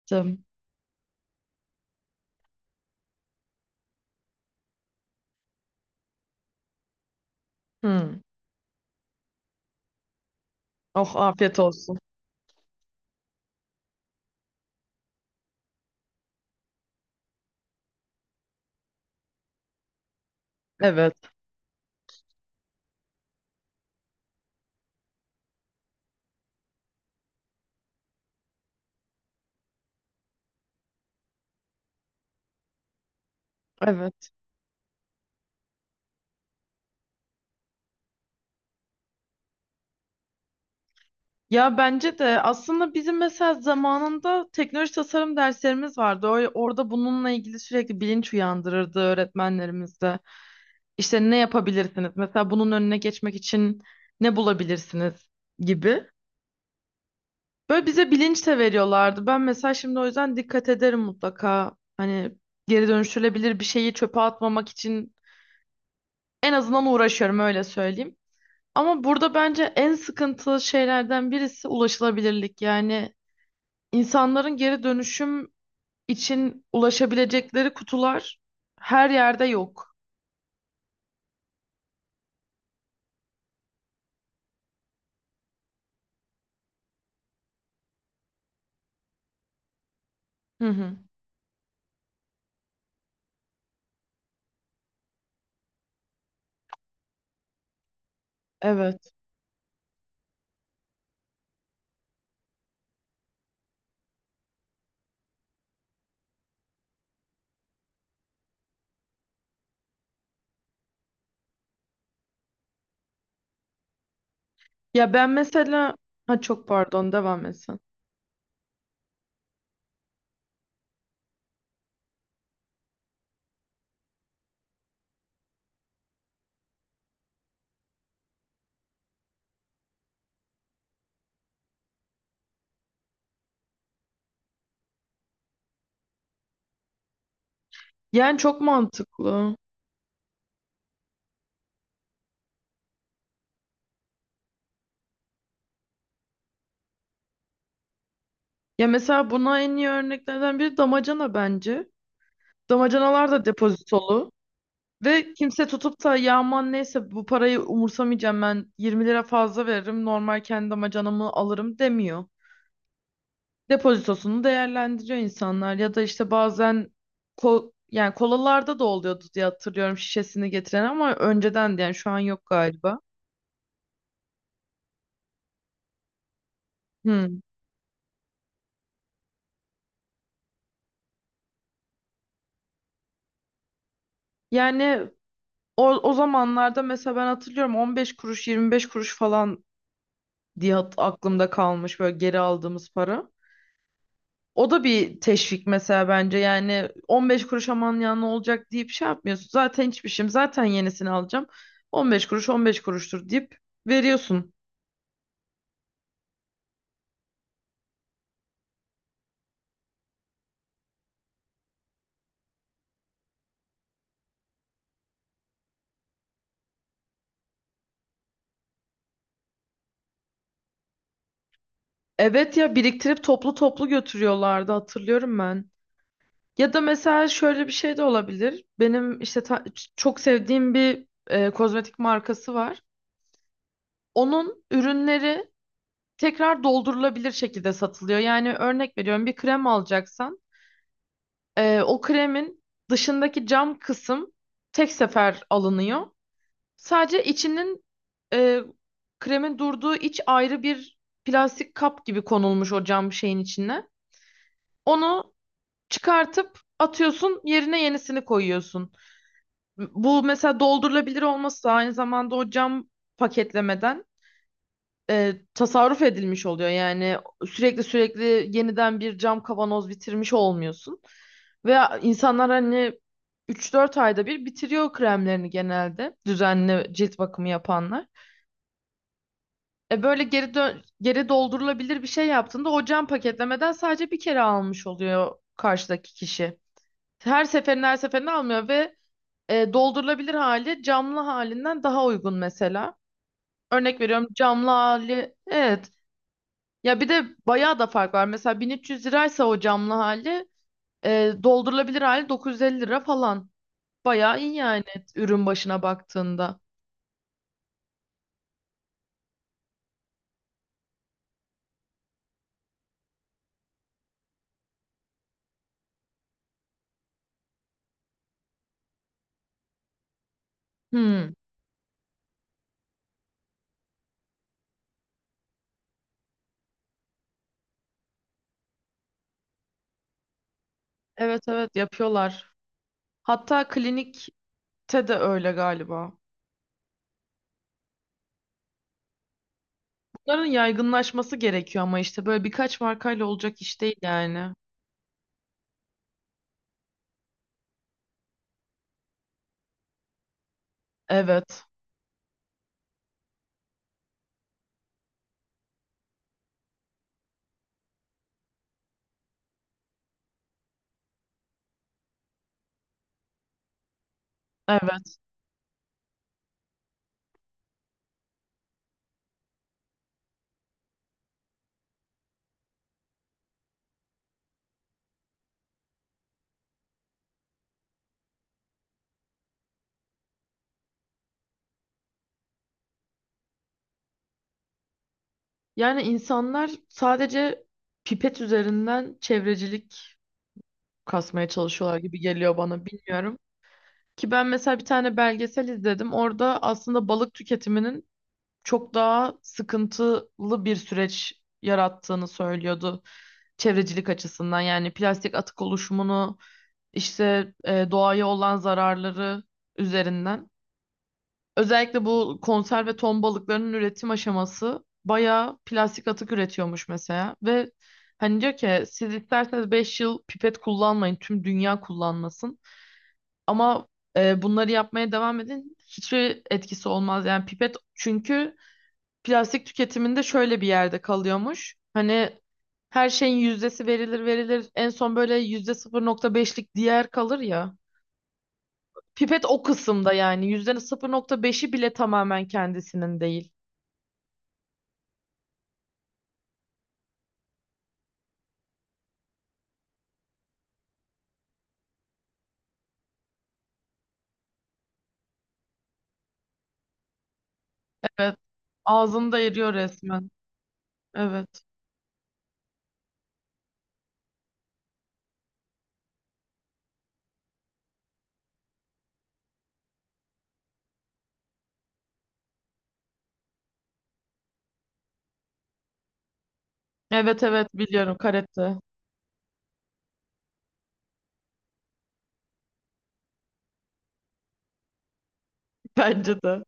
Yaptım. Hmm. Oh afiyet olsun. Evet, evet. Ya bence de aslında bizim mesela zamanında teknoloji tasarım derslerimiz vardı. Orada bununla ilgili sürekli bilinç uyandırırdı öğretmenlerimiz de. İşte ne yapabilirsiniz? Mesela bunun önüne geçmek için ne bulabilirsiniz gibi. Böyle bize bilinç de veriyorlardı. Ben mesela şimdi o yüzden dikkat ederim mutlaka. Hani geri dönüştürülebilir bir şeyi çöpe atmamak için en azından uğraşıyorum öyle söyleyeyim. Ama burada bence en sıkıntılı şeylerden birisi ulaşılabilirlik. Yani insanların geri dönüşüm için ulaşabilecekleri kutular her yerde yok. Hı hı. Evet. Ya ben mesela ha çok pardon devam etsen. Yani çok mantıklı. Ya mesela buna en iyi örneklerden biri damacana bence. Damacanalar da depozitolu. Ve kimse tutup da ya aman neyse bu parayı umursamayacağım ben 20 lira fazla veririm normal kendi damacanamı alırım demiyor. Depozitosunu değerlendiriyor insanlar ya da işte bazen yani kolalarda da oluyordu diye hatırlıyorum şişesini getiren ama önceden de yani şu an yok galiba. Hı. Yani o zamanlarda mesela ben hatırlıyorum 15 kuruş 25 kuruş falan diye aklımda kalmış böyle geri aldığımız para. O da bir teşvik mesela bence yani 15 kuruş aman ya ne olacak deyip şey yapmıyorsun. Zaten hiçbir şeyim zaten yenisini alacağım. 15 kuruş 15 kuruştur deyip veriyorsun. Evet ya biriktirip toplu toplu götürüyorlardı hatırlıyorum ben. Ya da mesela şöyle bir şey de olabilir. Benim işte çok sevdiğim bir kozmetik markası var. Onun ürünleri tekrar doldurulabilir şekilde satılıyor. Yani örnek veriyorum bir krem alacaksan o kremin dışındaki cam kısım tek sefer alınıyor. Sadece içinin e, kremin durduğu iç ayrı bir plastik kap gibi konulmuş o cam şeyin içine. Onu çıkartıp atıyorsun, yerine yenisini koyuyorsun. Bu mesela doldurulabilir olması da aynı zamanda o cam paketlemeden tasarruf edilmiş oluyor. Yani sürekli sürekli yeniden bir cam kavanoz bitirmiş olmuyorsun. Ve insanlar hani üç dört ayda bir bitiriyor kremlerini genelde düzenli cilt bakımı yapanlar. Böyle geri doldurulabilir bir şey yaptığında o cam paketlemeden sadece bir kere almış oluyor karşıdaki kişi. Her seferinde her seferinde almıyor ve doldurulabilir hali camlı halinden daha uygun mesela. Örnek veriyorum camlı hali evet. Ya bir de bayağı da fark var. Mesela 1.300 liraysa o camlı hali doldurulabilir hali 950 lira falan. Bayağı iyi yani ürün başına baktığında. Hmm. Evet, evet, yapıyorlar. Hatta klinikte de öyle galiba. Bunların yaygınlaşması gerekiyor ama işte böyle birkaç markayla olacak iş değil yani. Evet. Evet. Yani insanlar sadece pipet üzerinden çevrecilik kasmaya çalışıyorlar gibi geliyor bana bilmiyorum. Ki ben mesela bir tane belgesel izledim. Orada aslında balık tüketiminin çok daha sıkıntılı bir süreç yarattığını söylüyordu çevrecilik açısından. Yani plastik atık oluşumunu işte doğaya olan zararları üzerinden. Özellikle bu konserve ton balıklarının üretim aşaması bayağı plastik atık üretiyormuş mesela. Ve hani diyor ki siz isterseniz 5 yıl pipet kullanmayın, tüm dünya kullanmasın. Ama bunları yapmaya devam edin hiçbir etkisi olmaz. Yani pipet çünkü plastik tüketiminde şöyle bir yerde kalıyormuş. Hani her şeyin yüzdesi verilir verilir en son böyle %0,5'lik diğer kalır ya. Pipet o kısımda yani %0,5'i bile tamamen kendisinin değil. Evet. Ağzını da eriyor resmen. Evet. Evet, evet, biliyorum karate. Bence de.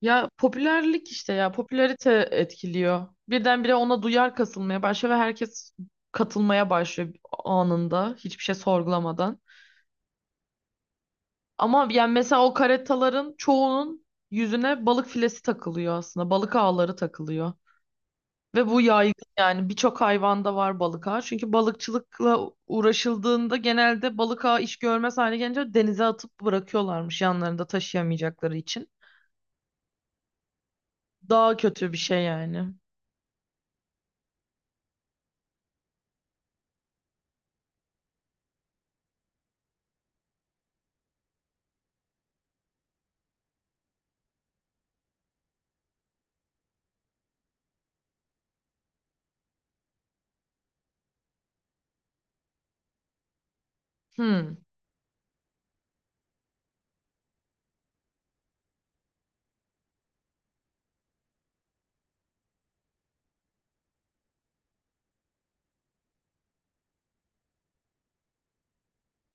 Ya popülerlik işte ya popülarite etkiliyor. Birdenbire ona duyar kasılmaya başlıyor ve herkes katılmaya başlıyor anında hiçbir şey sorgulamadan. Ama yani mesela o karetaların çoğunun yüzüne balık filesi takılıyor aslında. Balık ağları takılıyor. Ve bu yaygın yani birçok hayvanda var balık ağı. Çünkü balıkçılıkla uğraşıldığında genelde balık ağı iş görmez hale gelince denize atıp bırakıyorlarmış yanlarında taşıyamayacakları için. Daha kötü bir şey yani. Hmm,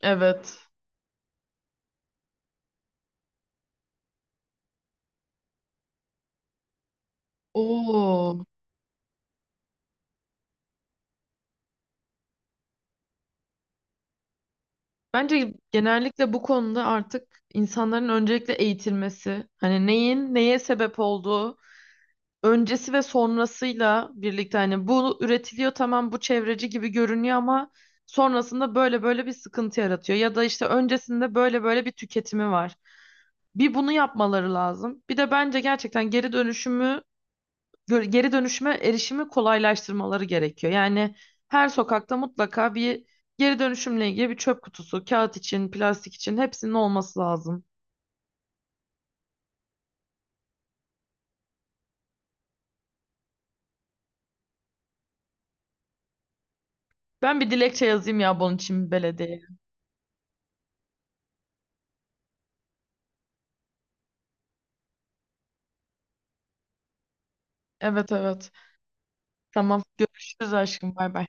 evet. Oo. Bence genellikle bu konuda artık insanların öncelikle eğitilmesi, hani neyin neye sebep olduğu öncesi ve sonrasıyla birlikte hani bu üretiliyor tamam bu çevreci gibi görünüyor ama sonrasında böyle böyle bir sıkıntı yaratıyor ya da işte öncesinde böyle böyle bir tüketimi var. Bir bunu yapmaları lazım. Bir de bence gerçekten geri dönüşümü geri dönüşüme erişimi kolaylaştırmaları gerekiyor. Yani her sokakta mutlaka bir geri dönüşümle ilgili bir çöp kutusu, kağıt için, plastik için hepsinin olması lazım. Ben bir dilekçe yazayım ya bunun için belediyeye. Evet, evet. Tamam. Görüşürüz aşkım. Bay bay.